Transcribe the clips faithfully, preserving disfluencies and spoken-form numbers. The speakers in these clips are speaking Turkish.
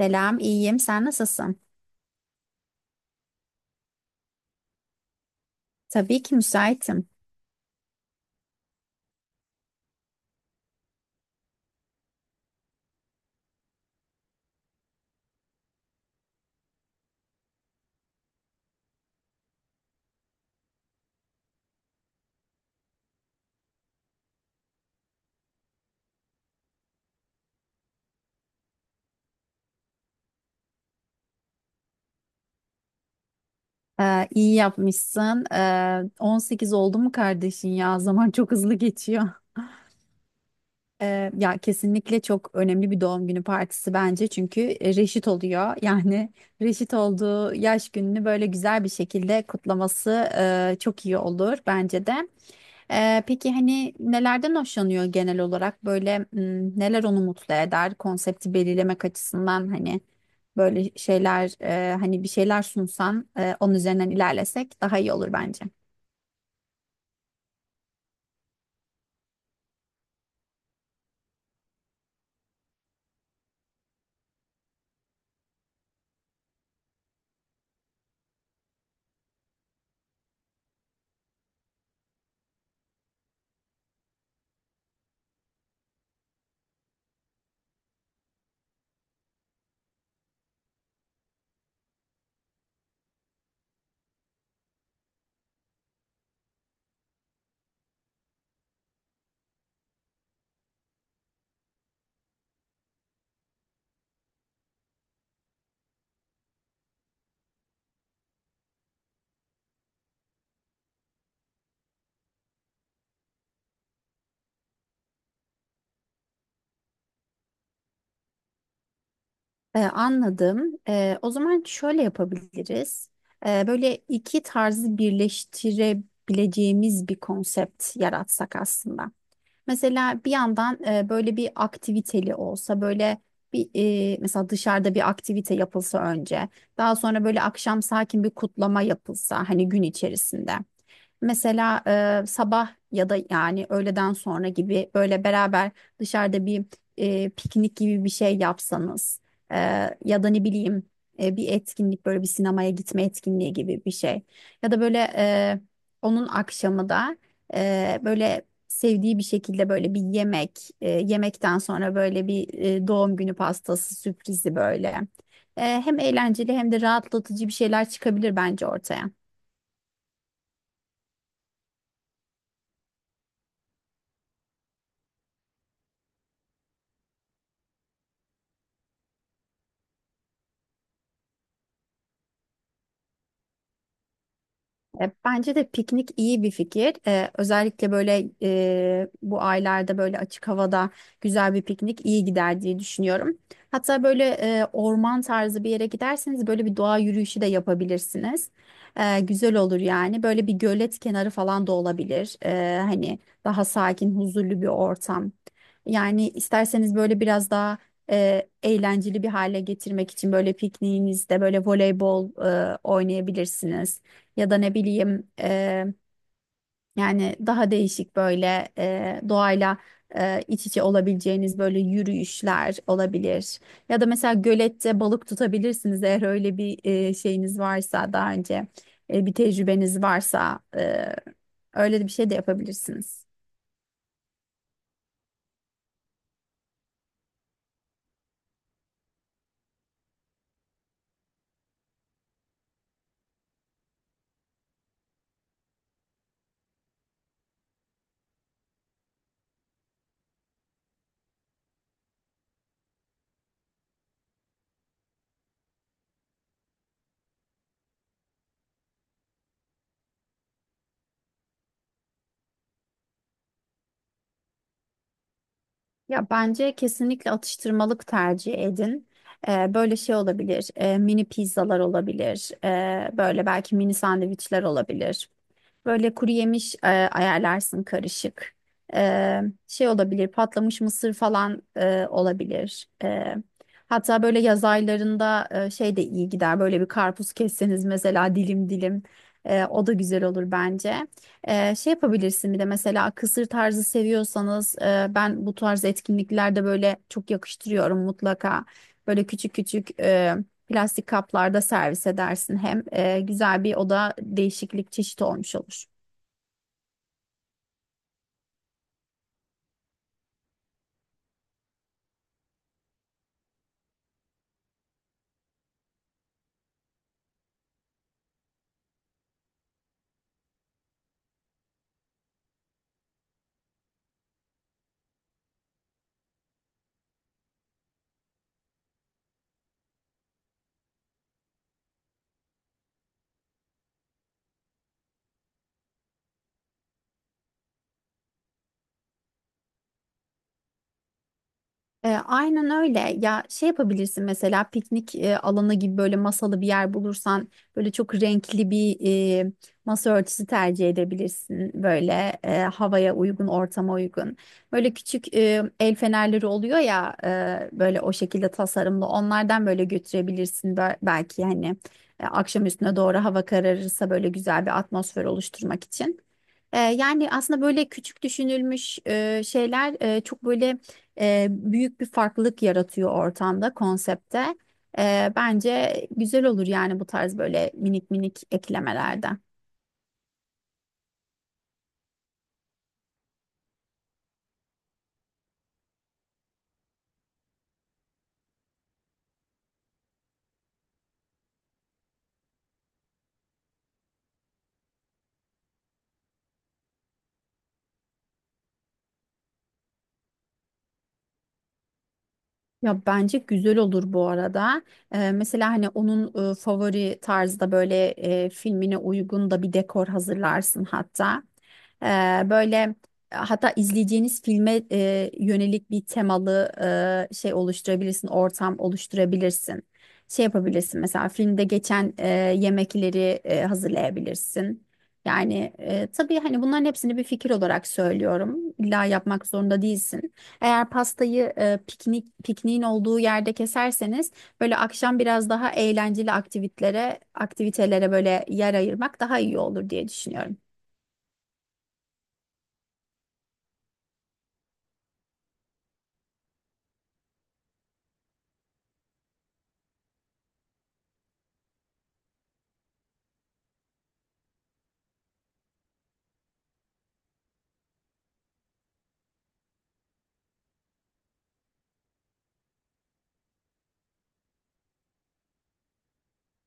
Selam, iyiyim. Sen nasılsın? Tabii ki müsaitim. Ee, iyi yapmışsın. Ee, on sekiz oldu mu kardeşin ya? Zaman çok hızlı geçiyor. Ee, ya kesinlikle çok önemli bir doğum günü partisi bence. Çünkü e, reşit oluyor. Yani reşit olduğu yaş gününü böyle güzel bir şekilde kutlaması e, çok iyi olur bence de. Ee, peki hani nelerden hoşlanıyor genel olarak böyle m, neler onu mutlu eder konsepti belirlemek açısından hani böyle şeyler e, hani bir şeyler sunsan e, onun üzerinden ilerlesek daha iyi olur bence. Ee, anladım. Ee, o zaman şöyle yapabiliriz. Ee, böyle iki tarzı birleştirebileceğimiz bir konsept yaratsak aslında. Mesela bir yandan e, böyle bir aktiviteli olsa böyle bir e, mesela dışarıda bir aktivite yapılsa önce, daha sonra böyle akşam sakin bir kutlama yapılsa hani gün içerisinde. Mesela e, sabah ya da yani öğleden sonra gibi böyle beraber dışarıda bir e, piknik gibi bir şey yapsanız, e, ya da ne bileyim e, bir etkinlik böyle bir sinemaya gitme etkinliği gibi bir şey, ya da böyle e, onun akşamı da e, böyle sevdiği bir şekilde böyle bir yemek, e, yemekten sonra böyle bir e, doğum günü pastası sürprizi böyle. E, hem eğlenceli hem de rahatlatıcı bir şeyler çıkabilir bence ortaya. E, Bence de piknik iyi bir fikir. E, özellikle böyle e, bu aylarda böyle açık havada güzel bir piknik iyi gider diye düşünüyorum. Hatta böyle e, orman tarzı bir yere giderseniz böyle bir doğa yürüyüşü de yapabilirsiniz. E, güzel olur yani. Böyle bir gölet kenarı falan da olabilir. E, hani daha sakin, huzurlu bir ortam. Yani isterseniz böyle biraz daha e, eğlenceli bir hale getirmek için böyle pikniğinizde böyle voleybol e, oynayabilirsiniz ya da ne bileyim e, yani daha değişik böyle e, doğayla e, iç içe olabileceğiniz böyle yürüyüşler olabilir. Ya da mesela gölette balık tutabilirsiniz, eğer öyle bir e, şeyiniz varsa, daha önce e, bir tecrübeniz varsa e, öyle de bir şey de yapabilirsiniz. Ya bence kesinlikle atıştırmalık tercih edin. Ee, böyle şey olabilir, e, mini pizzalar olabilir, e, böyle belki mini sandviçler olabilir. Böyle kuru yemiş e, ayarlarsın karışık. E, şey olabilir, patlamış mısır falan e, olabilir. E, hatta böyle yaz aylarında e, şey de iyi gider. Böyle bir karpuz kesseniz mesela, dilim dilim. E, o da güzel olur bence. E, şey yapabilirsin bir de, mesela kısır tarzı seviyorsanız, e, ben bu tarz etkinliklerde böyle çok yakıştırıyorum mutlaka. Böyle küçük küçük e, Plastik kaplarda servis edersin, hem e, güzel bir oda değişiklik, çeşit olmuş olur. E, aynen öyle. Ya şey yapabilirsin, mesela piknik e, alanı gibi böyle masalı bir yer bulursan, böyle çok renkli bir e, masa örtüsü tercih edebilirsin. Böyle e, havaya uygun, ortama uygun. Böyle küçük e, el fenerleri oluyor ya, e, böyle o şekilde tasarımlı. Onlardan böyle götürebilirsin. Bel- belki hani e, akşam üstüne doğru hava kararırsa, böyle güzel bir atmosfer oluşturmak için. Ee, yani aslında böyle küçük düşünülmüş e, şeyler e, çok böyle e, büyük bir farklılık yaratıyor ortamda, konsepte. Ee, bence güzel olur yani, bu tarz böyle minik minik eklemelerden. Ya bence güzel olur bu arada. Ee, mesela hani onun e, favori tarzda böyle e, filmine uygun da bir dekor hazırlarsın hatta. Ee, Böyle e, hatta izleyeceğiniz filme e, yönelik bir temalı e, şey oluşturabilirsin, ortam oluşturabilirsin. Şey yapabilirsin, mesela filmde geçen e, yemekleri e, hazırlayabilirsin. Yani e, tabii hani bunların hepsini bir fikir olarak söylüyorum. İlla yapmak zorunda değilsin. Eğer pastayı e, piknik pikniğin olduğu yerde keserseniz, böyle akşam biraz daha eğlenceli aktivitelere aktivitelere böyle yer ayırmak daha iyi olur diye düşünüyorum.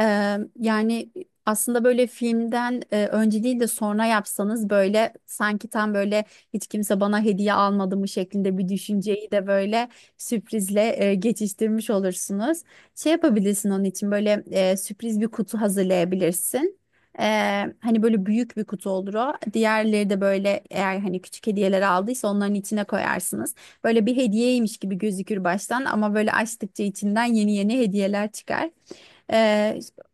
Ee, yani aslında böyle filmden e, önce değil de sonra yapsanız, böyle sanki tam böyle hiç kimse bana hediye almadı mı şeklinde bir düşünceyi de böyle sürprizle e, geçiştirmiş olursunuz. Şey yapabilirsin onun için, böyle e, sürpriz bir kutu hazırlayabilirsin. Ee, hani böyle büyük bir kutu olur o. Diğerleri de böyle, eğer hani küçük hediyeler aldıysa, onların içine koyarsınız. Böyle bir hediyeymiş gibi gözükür baştan, ama böyle açtıkça içinden yeni yeni hediyeler çıkar.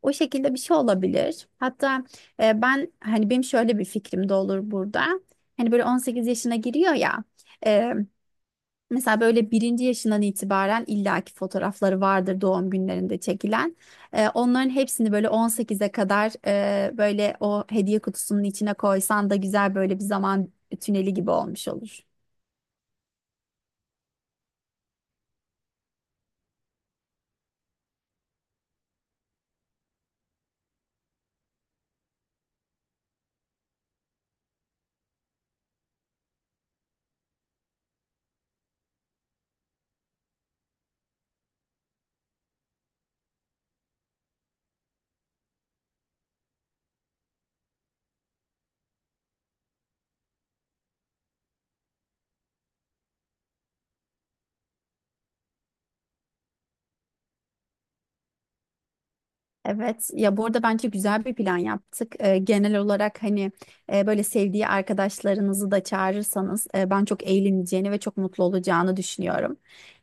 O şekilde bir şey olabilir. Hatta e, ben hani, benim şöyle bir fikrim de olur burada. Hani böyle on sekiz yaşına giriyor ya. e, mesela böyle birinci yaşından itibaren illaki fotoğrafları vardır doğum günlerinde çekilen. E, onların hepsini böyle on sekize kadar e, böyle o hediye kutusunun içine koysan da, güzel böyle bir zaman tüneli gibi olmuş olur. Evet ya, bu arada bence güzel bir plan yaptık. Ee, genel olarak hani e, böyle sevdiği arkadaşlarınızı da çağırırsanız, e, ben çok eğleneceğini ve çok mutlu olacağını düşünüyorum.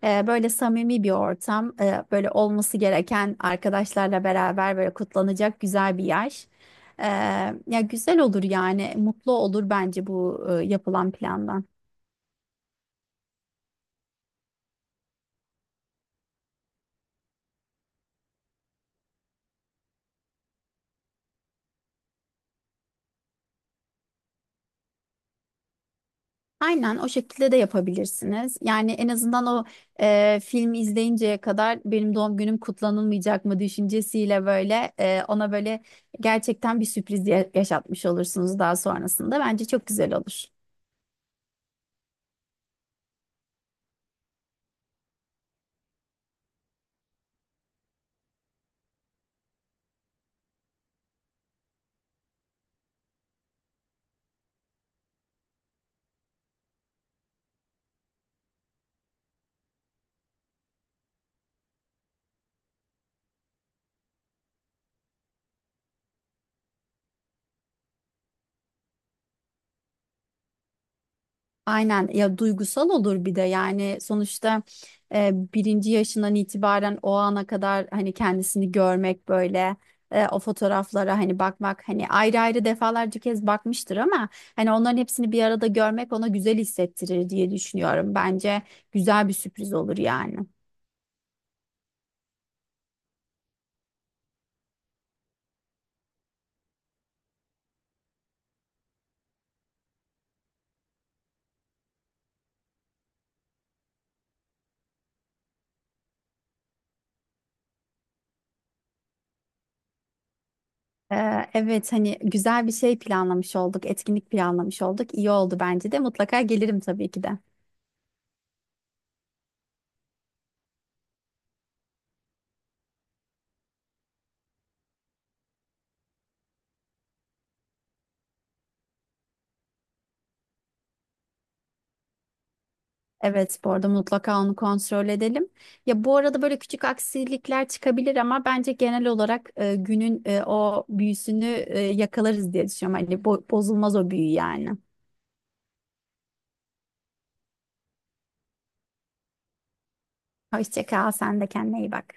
Ee, böyle samimi bir ortam, e, böyle olması gereken arkadaşlarla beraber böyle kutlanacak güzel bir yer. Ee, ya güzel olur yani, mutlu olur bence bu e, yapılan plandan. Aynen, o şekilde de yapabilirsiniz. Yani en azından o e, filmi izleyinceye kadar "benim doğum günüm kutlanılmayacak mı" düşüncesiyle, böyle e, ona böyle gerçekten bir sürpriz ya- yaşatmış olursunuz daha sonrasında. Bence çok güzel olur. Aynen ya, duygusal olur bir de, yani sonuçta e, birinci yaşından itibaren o ana kadar hani kendisini görmek, böyle e, o fotoğraflara hani bakmak, hani ayrı ayrı defalarca kez bakmıştır ama hani onların hepsini bir arada görmek ona güzel hissettirir diye düşünüyorum. Bence güzel bir sürpriz olur yani. Ee, evet hani güzel bir şey planlamış olduk, etkinlik planlamış olduk. İyi oldu bence de, mutlaka gelirim tabii ki de. Evet, bu arada mutlaka onu kontrol edelim. Ya bu arada böyle küçük aksilikler çıkabilir, ama bence genel olarak e, günün e, o büyüsünü e, yakalarız diye düşünüyorum. Hani bo- bozulmaz o büyü yani. Hoşça kal, sen de kendine iyi bak.